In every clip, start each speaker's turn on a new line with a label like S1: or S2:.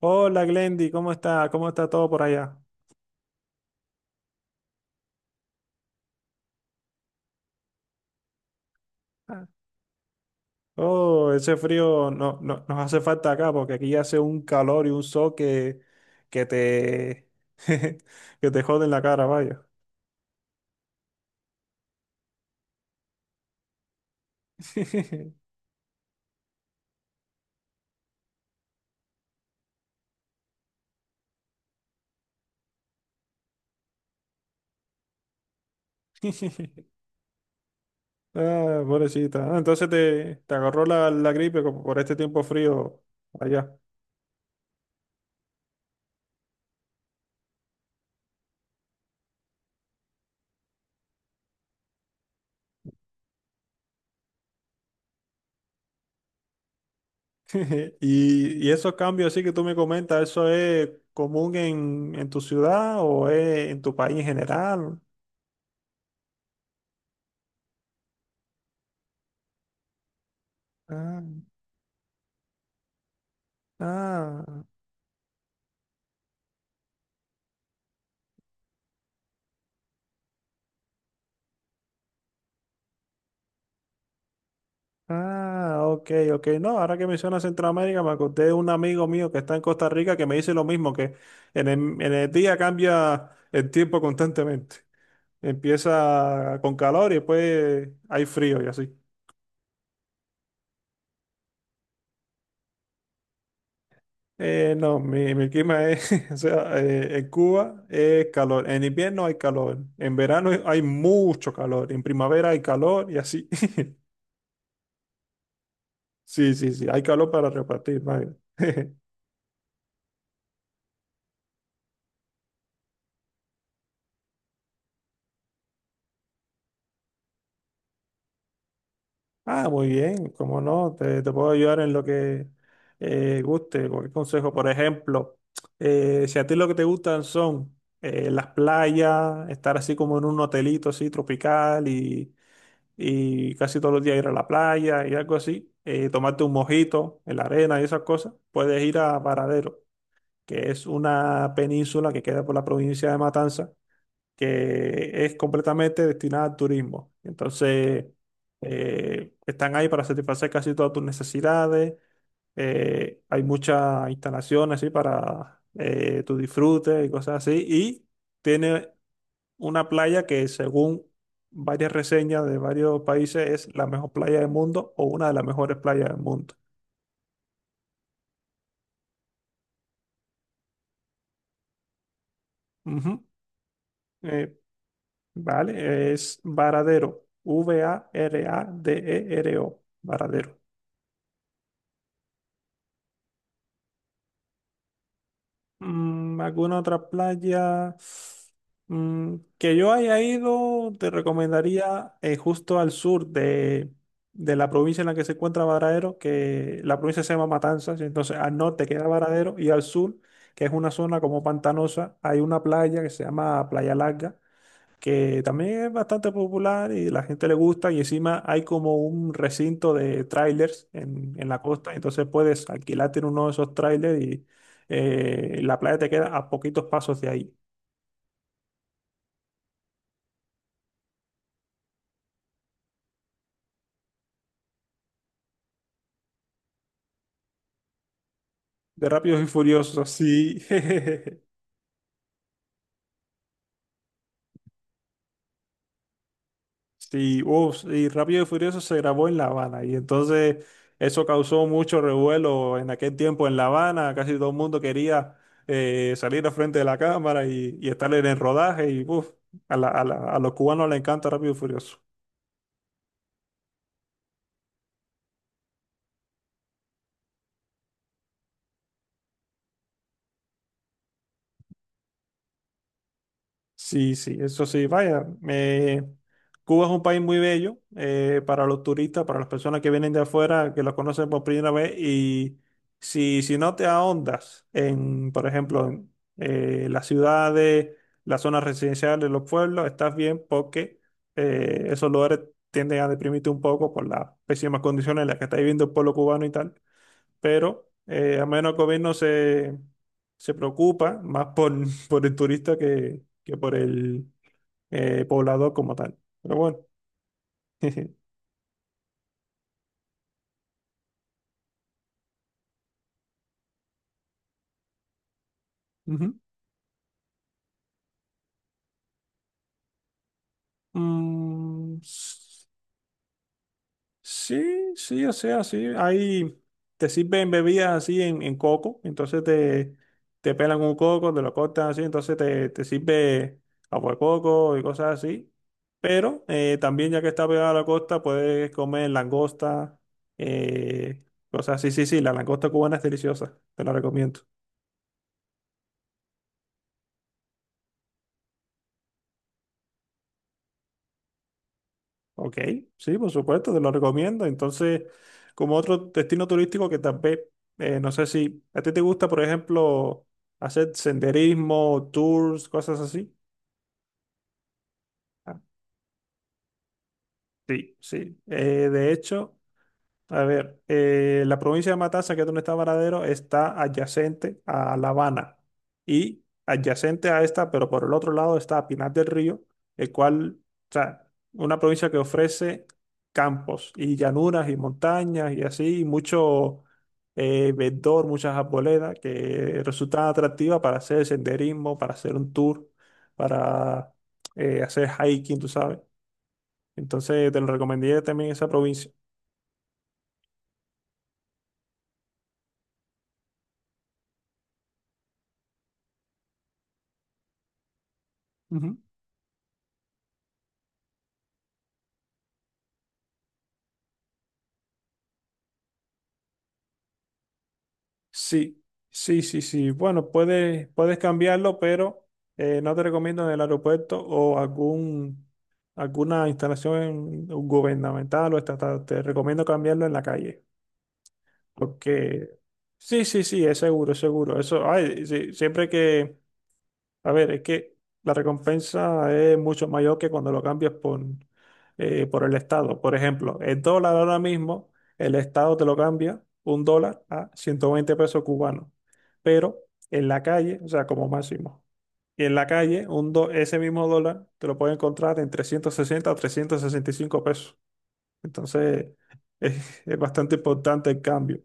S1: Hola Glendy, ¿cómo está? ¿Cómo está todo por allá? Ah. Oh, ese frío nos hace falta acá porque aquí hace un calor y un sol que te, que te jode en la cara, vaya. Ah, pobrecita. Ah, entonces te agarró la gripe como por este tiempo frío allá. Y esos cambios así que tú me comentas, ¿eso es común en tu ciudad o es en tu país en general? Ah, ah. Ah, ok, ok. No, ahora que mencionas Centroamérica, me acordé de un amigo mío que está en Costa Rica que me dice lo mismo, que en el día cambia el tiempo constantemente. Empieza con calor y después hay frío y así. No, mi clima o sea, en Cuba es calor, en invierno hay calor, en verano hay mucho calor, en primavera hay calor y así. Sí, sí, sí, hay calor para repartir, vaya. Ah, muy bien, cómo no, te puedo ayudar en lo que guste, cualquier consejo. Por ejemplo, si a ti lo que te gustan son las playas, estar así como en un hotelito así tropical y casi todos los días ir a la playa y algo así, tomarte un mojito en la arena y esas cosas, puedes ir a Varadero, que es una península que queda por la provincia de Matanza, que es completamente destinada al turismo. Entonces, están ahí para satisfacer casi todas tus necesidades. Hay muchas instalaciones así para tu disfrute y cosas así. Y tiene una playa que, según varias reseñas de varios países, es la mejor playa del mundo o una de las mejores playas del mundo. Ujú. Eh, vale, es Varadero. Varadero. Varadero. Mm, ¿alguna otra playa? Mm, que yo haya ido, te recomendaría justo al sur de la provincia en la que se encuentra Varadero, que la provincia se llama Matanzas; entonces al norte queda Varadero y al sur, que es una zona como pantanosa, hay una playa que se llama Playa Larga, que también es bastante popular y la gente le gusta, y encima hay como un recinto de trailers en la costa, entonces puedes alquilarte en uno de esos trailers y la playa te queda a poquitos pasos de ahí. De Rápidos y Furiosos, sí. Sí, uf, y Rápido y Furioso se grabó en La Habana y entonces eso causó mucho revuelo en aquel tiempo en La Habana, casi todo el mundo quería salir al frente de la cámara y estar en el rodaje y uf, a los cubanos les encanta Rápido y Furioso. Sí, sí, eso sí, vaya. Cuba es un país muy bello para los turistas, para las personas que vienen de afuera, que lo conocen por primera vez. Y si no te ahondas en, por ejemplo, en las ciudades, las zonas residenciales, los pueblos, estás bien porque esos lugares tienden a deprimirte un poco por las pésimas condiciones en las que está viviendo el pueblo cubano y tal, pero al menos el gobierno se preocupa más por, por el turista que por el poblador como tal. Pero bueno. Ujú. Mm, sí, sí, o sea, sí. Ahí te sirven bebidas así en coco, entonces te pelan un coco, te lo cortan así, entonces te sirve agua de coco y cosas así. Pero también, ya que está pegada a la costa, puedes comer langosta, eh, cosas así. Sí, sí, la langosta cubana es deliciosa, te la recomiendo. Ok, sí, por supuesto, te lo recomiendo. Entonces, como otro destino turístico que tal vez, no sé si a ti te gusta, por ejemplo, hacer senderismo, tours, cosas así. Ah, sí, sí. De hecho, a ver, la provincia de Matanza, que es donde está Varadero, está adyacente a La Habana y adyacente a esta, pero por el otro lado está Pinar del Río, el cual, o sea, una provincia que ofrece campos y llanuras y montañas y así, y mucho verdor, muchas arboledas que resultan atractivas para hacer senderismo, para hacer un tour, para hacer hiking, tú sabes. Entonces, te lo recomendé también esa provincia. Ujú. Sí, sí, sí, sí. Bueno, puedes cambiarlo, pero no te recomiendo en el aeropuerto o alguna instalación gubernamental o estatal. Te recomiendo cambiarlo en la calle. Porque sí, sí, sí, es seguro, es seguro. Eso, ay, sí, siempre que, a ver, es que la recompensa es mucho mayor que cuando lo cambias por el Estado. Por ejemplo, el dólar ahora mismo, el Estado te lo cambia un dólar a 120 pesos cubanos, pero en la calle, o sea, como máximo. Y en la calle, ese mismo dólar te lo puede encontrar en 360 o 365 pesos. Entonces, es bastante importante el cambio.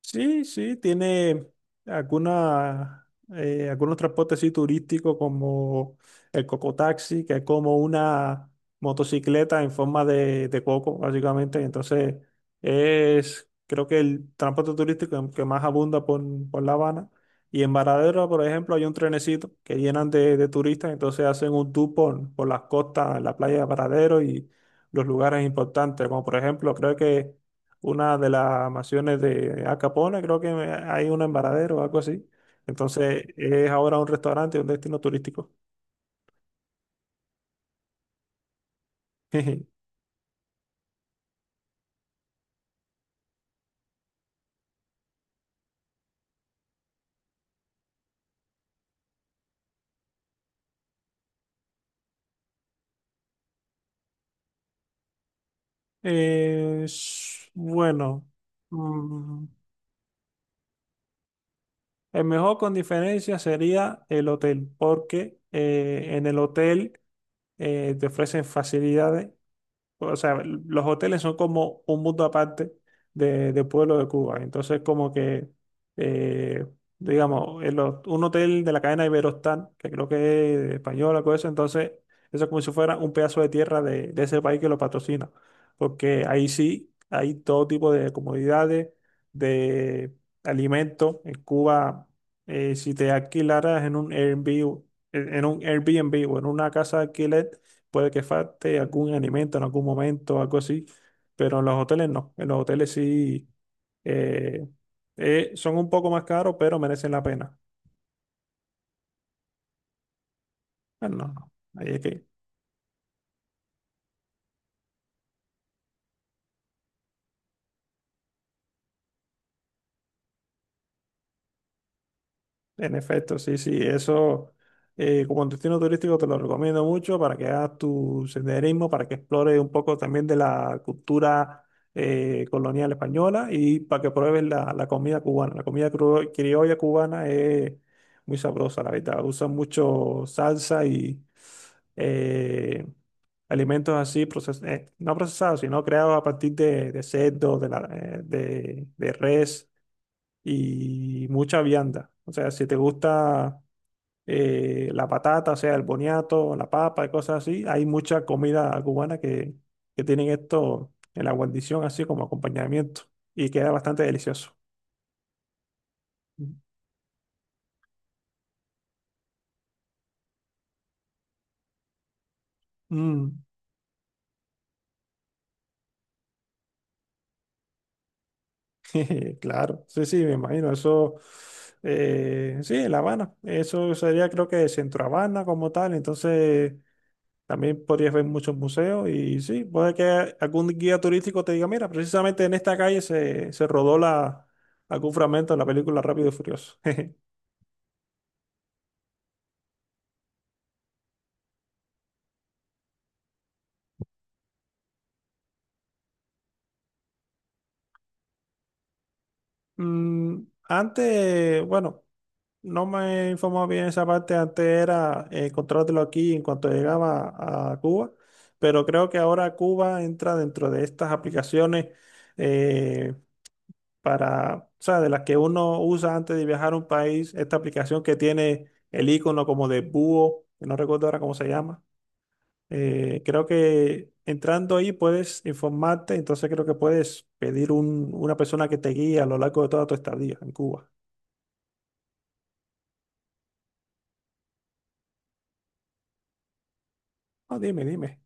S1: Sí, sí, tiene alguna, algunos transportes así turísticos como el cocotaxi, que es como una motocicleta en forma de coco, básicamente. Entonces, es creo que el transporte turístico que más abunda por La Habana. Y en Varadero, por ejemplo, hay un trenecito que llenan de turistas, entonces hacen un tour por las costas, la playa de Varadero y los lugares importantes, como por ejemplo, creo que una de las mansiones de Al Capone. Creo que hay una en Varadero o algo así. Entonces es ahora un restaurante, un destino turístico. Bueno, mm, el mejor con diferencia sería el hotel, porque en el hotel te ofrecen facilidades, o sea, los hoteles son como un mundo aparte de pueblo de Cuba. Entonces, como que, eh, digamos, un hotel de la cadena Iberostar, que creo que es española, cosa eso, entonces, eso es como si fuera un pedazo de tierra de ese país que lo patrocina. Porque ahí sí hay todo tipo de comodidades, de alimentos. En Cuba, si te alquilaras en un Airbnb, en un Airbnb o en una casa de alquiler, puede que falte algún alimento en algún momento, algo así, pero en los hoteles no. En los hoteles sí, eh, son un poco más caros, pero merecen la pena. Ah, no, no, ahí es que. En efecto, sí, sí, eso como destino turístico te lo recomiendo mucho para que hagas tu senderismo, para que explores un poco también de la cultura colonial española y para que pruebes la comida cubana. La comida criolla cubana es muy sabrosa, la verdad. Usan mucho salsa y eh, alimentos así, no procesados, sino creados a partir de cerdo, de, la- de res y mucha vianda. O sea, si te gusta la patata, o sea, el boniato, la papa y cosas así, hay mucha comida cubana que tienen esto en la guarnición así como acompañamiento, y queda bastante delicioso. Mm. Jeje, claro, sí, sí, me imagino, eso, sí, en La Habana, eso sería, creo que Centro Habana como tal, entonces también podrías ver muchos museos, y sí, puede que algún guía turístico te diga, mira, precisamente en esta calle se rodó algún fragmento de la película Rápido y Furioso. Mm, Antes, bueno, no me informaba bien esa parte, antes era encontrártelo aquí en cuanto llegaba a Cuba, pero creo que ahora Cuba entra dentro de estas aplicaciones, eh, para, o sea, de las que uno usa antes de viajar a un país, esta aplicación que tiene el icono como de búho, que no recuerdo ahora cómo se llama. Creo que entrando ahí puedes informarte, entonces creo que puedes pedir una persona que te guíe a lo largo de toda tu estadía en Cuba. Ah, dime, dime.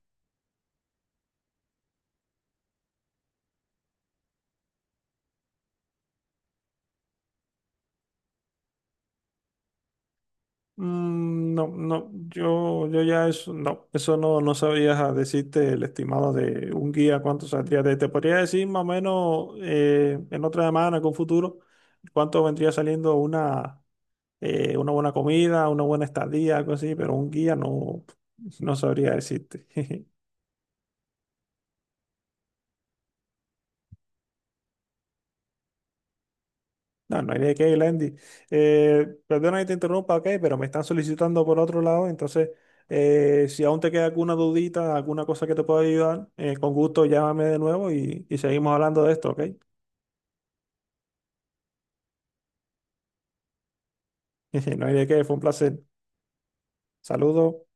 S1: Mm, no, no, yo ya eso no, no sabría decirte el estimado de un guía cuánto saldría. Te podría decir más o menos, en otra semana, con futuro, cuánto vendría saliendo una buena comida, una buena estadía, algo así, pero un guía no, no sabría decirte. No, no hay de qué, Glendy. Perdona que te interrumpa, ok, pero me están solicitando por otro lado, entonces si aún te queda alguna dudita, alguna cosa que te pueda ayudar, con gusto llámame de nuevo y seguimos hablando de esto, ok. No hay de qué, fue un placer. Saludos.